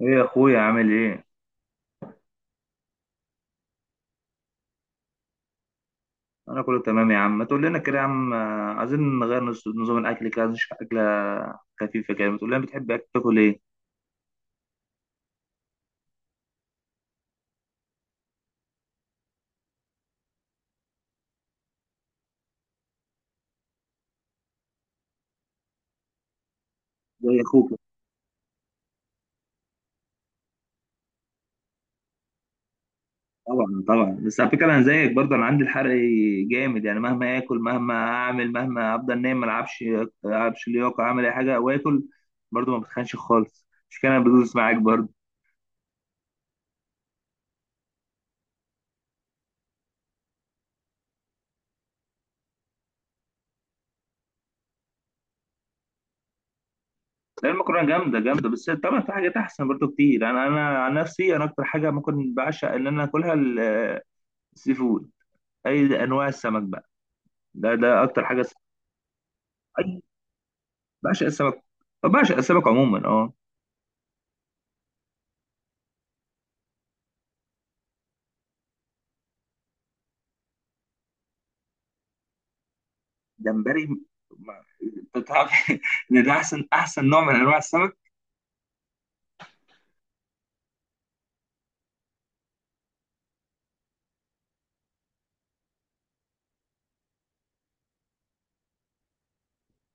ايه يا اخويا، عامل ايه؟ انا كله تمام يا عم. ما تقول لنا كده يا عم، عايزين نغير نظام الاكل كده. عايزين نشوف اكله خفيفه كده. ما تقول لنا، بتحب تاكل ايه؟ زي اخوك. طبعا طبعا، بس على فكره انا زيك برضه، انا عندي الحرق جامد، يعني مهما اكل، مهما اعمل، مهما افضل نايم، ما العبش. العبش لياقه، اعمل اي حاجه واكل برضه، ما بتخنش خالص. مش كده؟ انا بدوس معاك برضه. لا، المكرونه جامده جامده، بس طبعا في حاجات احسن برضه كتير. انا، عن نفسي، انا اكتر حاجه ممكن بعشق ان انا اكلها السي فود، اي انواع السمك بقى. ده اكتر حاجه. اي، بعشق السمك، بعشق السمك عموما، اه. جمبري، ما- انت تعرف ان ده احسن احسن نوع من انواع السمك.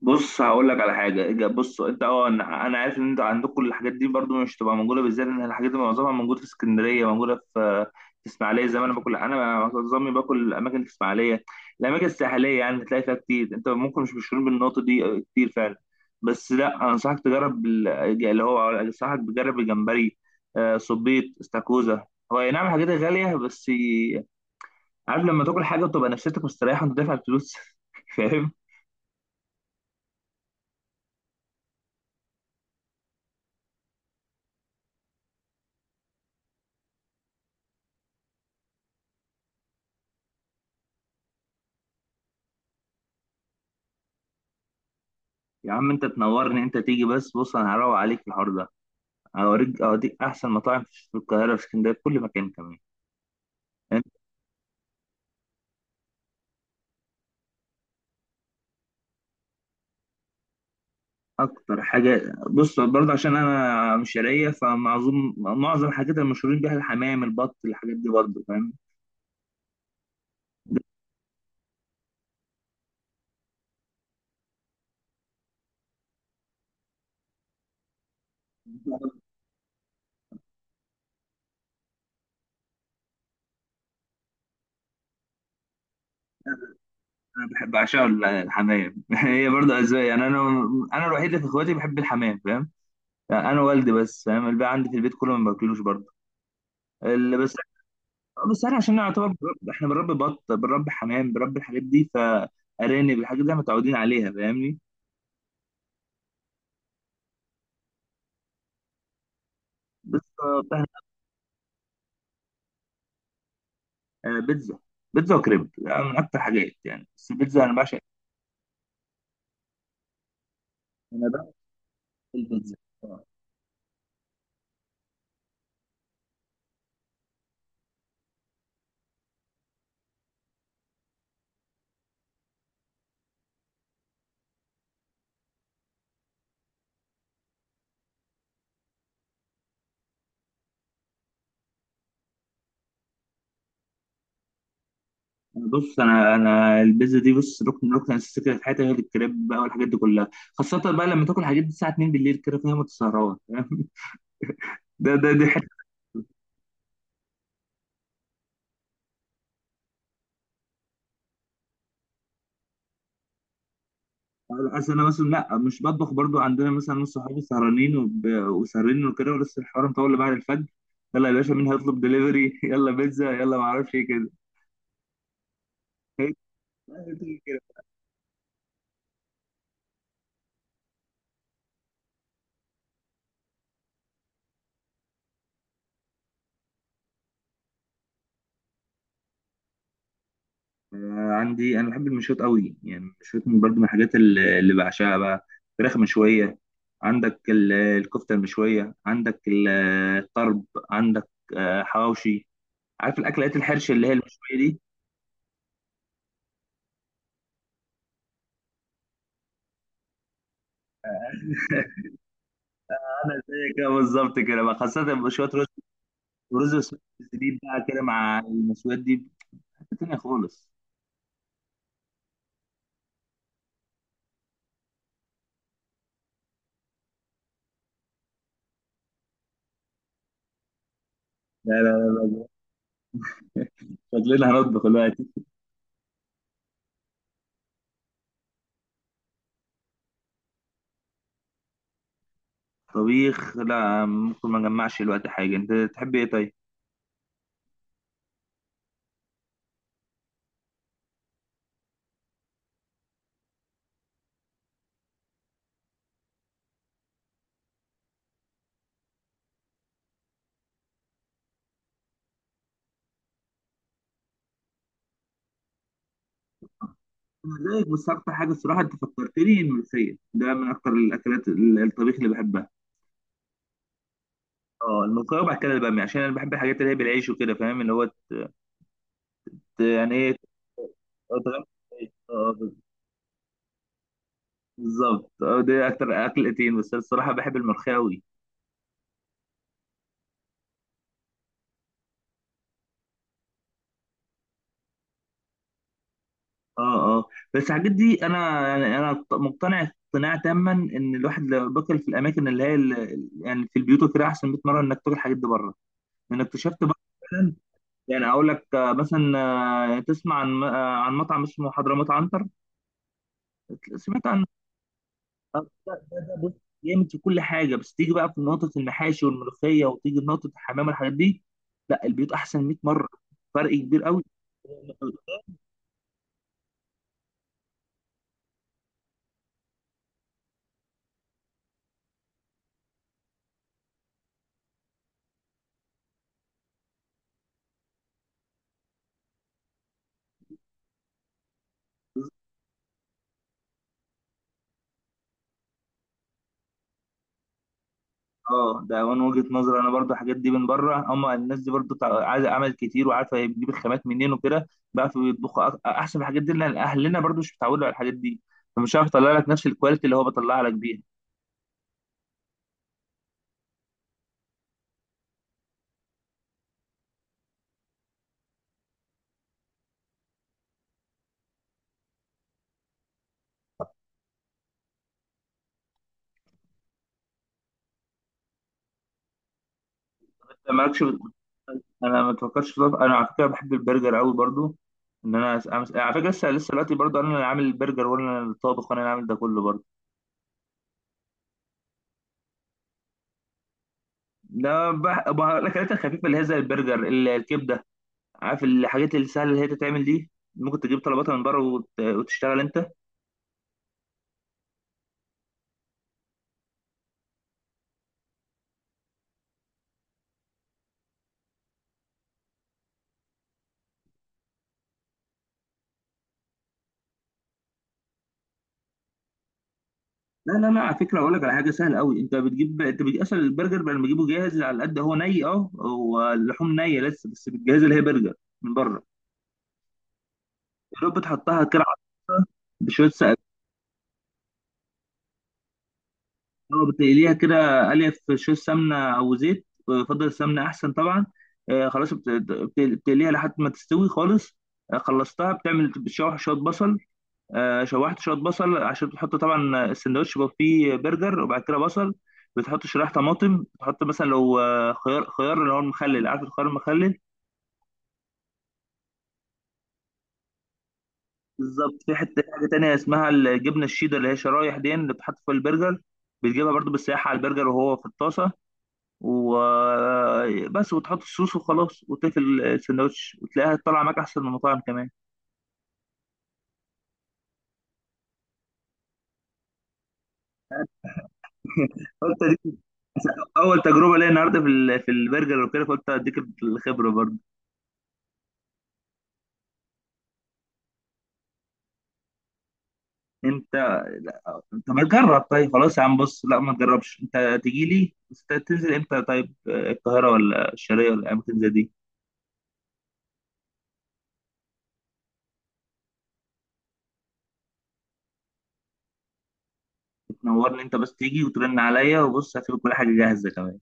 بص، هقول لك على حاجه، بص، انت، انا، عارف ان انت عندك كل الحاجات دي برضو، مش تبقى موجوده. بالذات ان الحاجات دي معظمها موجوده في اسكندريه، موجوده في اسماعيليه. زي ما انا باكل، انا معظمي باكل الاماكن في اسماعيليه، الاماكن الساحليه يعني. تلاقي فيها كتير. انت ممكن مش مشهورين بالنقطه دي، كتير فعلا. بس لا، انصحك تجرب ال- اللي هو انصحك تجرب الجمبري، صبيط، استاكوزا. هو أي نعم الحاجات غاليه، بس عارف لما تاكل حاجه وتبقى نفسيتك مستريحه وانت دافع الفلوس فاهم. يا عم انت تنورني، انت تيجي بس، بص انا هروق عليك في الحوار ده. هوريك، اوديك احسن مطاعم في القاهره، في اسكندريه، في كل مكان كمان. انت اكتر حاجه، بص برضه، عشان انا مش شرقيه، فمعظم الحاجات المشهورين بيها الحمام، البط، الحاجات دي برضه، فاهم. ده- انا بحب، بعشقه الحمام هي برضه اذواق يعني. انا، الوحيد اللي في اخواتي بحب الحمام، فاهم يعني؟ انا والدي بس، فاهم. الباقي عندي في البيت كله ما باكلوش برضه. بس احنا عشان نعتبر، احنا بنربي بط، بنربي حمام، بنربي الحاجات دي، فارانب، الحاجات دي احنا متعودين عليها، فاهمني. بس بيتزا. بيتزا وكريب يعني من اكتر حاجات يعني، بس البيتزا انا بعشق البيتزا، آه. أنا بص، انا، البيتزا دي بص ركن، اساسي كده في حياتي، غير الكريب بقى والحاجات دي كلها. خاصه بقى لما تاكل الحاجات دي الساعه 2 بالليل كده، فاهم، وتسهران ده ده دي اصل انا مثلا. لا، مش بطبخ برضو. عندنا مثلا ناس، صحابي سهرانين وسهرانين وكده، ولسه الحوار مطول لبعد الفجر. يلا يا باشا، مين هيطلب دليفري؟ يلا بيتزا، يلا، ما اعرفش ايه كده. هي- هي كده. عندي، انا بحب المشويات قوي يعني. المشويات برضو من الحاجات اللي بعشقها بقى: فراخ مشويه، عندك الكفته المشويه، عندك الطرب، عندك حواوشي. عارف الاكلات الحرش اللي هي المشويه دي. انا زي كده بالظبط كده بقى، خاصه شويه ورز وسبيب بقى كده مع المشويات دي، حته تانية خالص. لا لا لا. شكلنا هنطبخ دلوقتي. طبيخ؟ لا، ممكن ما نجمعش دلوقتي حاجه. انت تحب ايه طيب؟ أنا زيك، بس اكتر حاجه الصراحه انت فكرتني، الملوخيه ده من اكتر الاكلات، الطبيخ اللي بحبها. اه الملوخيه، وبعد كده الباميه، عشان انا بحب الحاجات اللي هي بالعيش وكده، فاهم، اللي هو يعني ايه. اه، تغمس في العيش. بالظبط. اه ده اكتر اكلتين، بس أنا الصراحه بحب الملوخيه قوي. اه، اه. بس الحاجات دي انا يعني، انا مقتنع اقتناع تاما ان الواحد لو باكل في الاماكن اللي هي يعني في البيوت وكده، احسن 100 مره انك تاكل الحاجات دي بره، لان اكتشفت بقى فعلا. يعني اقول لك، مثلا، تسمع عن مطعم اسمه حضرموت عنتر؟ سمعت عن ده؟ ده بص جامد في كل حاجه، بس تيجي بقى في نقطه المحاشي والملوخيه، وتيجي في نقطه الحمام والحاجات دي، لا البيوت احسن 100 مره. فرق كبير قوي. اه، ده من وجهة نظري انا برضو. الحاجات دي من بره، هم الناس دي برضو عايزه عمل كتير، وعارفه هي بتجيب الخامات منين وكده، بقى بيطبخوا احسن من الحاجات دي، لان اهلنا برضو مش متعودين على الحاجات دي، فمش عارف اطلع لك نفس الكواليتي اللي هو بطلعها لك بيها. أنت مالكش في- انا ما بفكرش انا على فكره بحب البرجر قوي برضو. ان انا على فكره لسه، دلوقتي برضو انا اللي عامل البرجر، وانا اللي الطابخ، وانا اللي عامل ده كله برضو. لا الاكلات الخفيفه اللي هي زي البرجر، الكبده. عارف الحاجات السهله اللي هي تتعمل دي، ممكن تجيب طلباتها من بره وتشتغل انت. لا لا لا، على فكره اقول لك على حاجه سهله قوي: انت بتجيب، اصلا البرجر، بدل ما تجيبه جاهز، على قد هو ني، هو اللحوم نيه لسه، بس بتجهز، اللي هي برجر من بره. يا دوب بتحطها كده بشويه سقف. اه بتقليها كده، قليه في شويه سمنه او زيت، بفضل السمنه احسن طبعا. خلاص، بتقليها لحد ما تستوي خالص. خلصتها. بتشوح شويه بصل. شوحت شويه بصل، عشان بتحط طبعا، السندوتش بيبقى فيه برجر وبعد كده بصل، بتحط شرايح طماطم، بتحط مثلا لو خيار، اللي هو المخلل، عارف الخيار المخلل. بالظبط. في حته حاجه تانية اسمها الجبنه الشيدر اللي هي شرايح دي اللي بتحط في البرجر، بتجيبها برضو بالسياحه على البرجر وهو في الطاسه، وبس، وتحط الصوص وخلاص وتقفل السندوتش، وتلاقيها طالعه معاك احسن من المطاعم كمان. قلت اديك. اول تجربه ليا النهارده في البرجر وكده، فقلت اديك الخبره برضو. انت، لا. طب ما تجرب طيب، خلاص يا عم، بص لا، ما تجربش، انت تيجي لي بس. انت تنزل امتى طيب؟ القاهره ولا الشرقيه ولا اماكن زي دي؟ تنورني، انت بس تيجي وترن عليا، وبص هتبقى كل حاجه جاهزه كمان.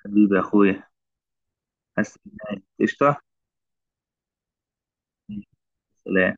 حبيبي يا اخويا. بس، قشطه. سلام.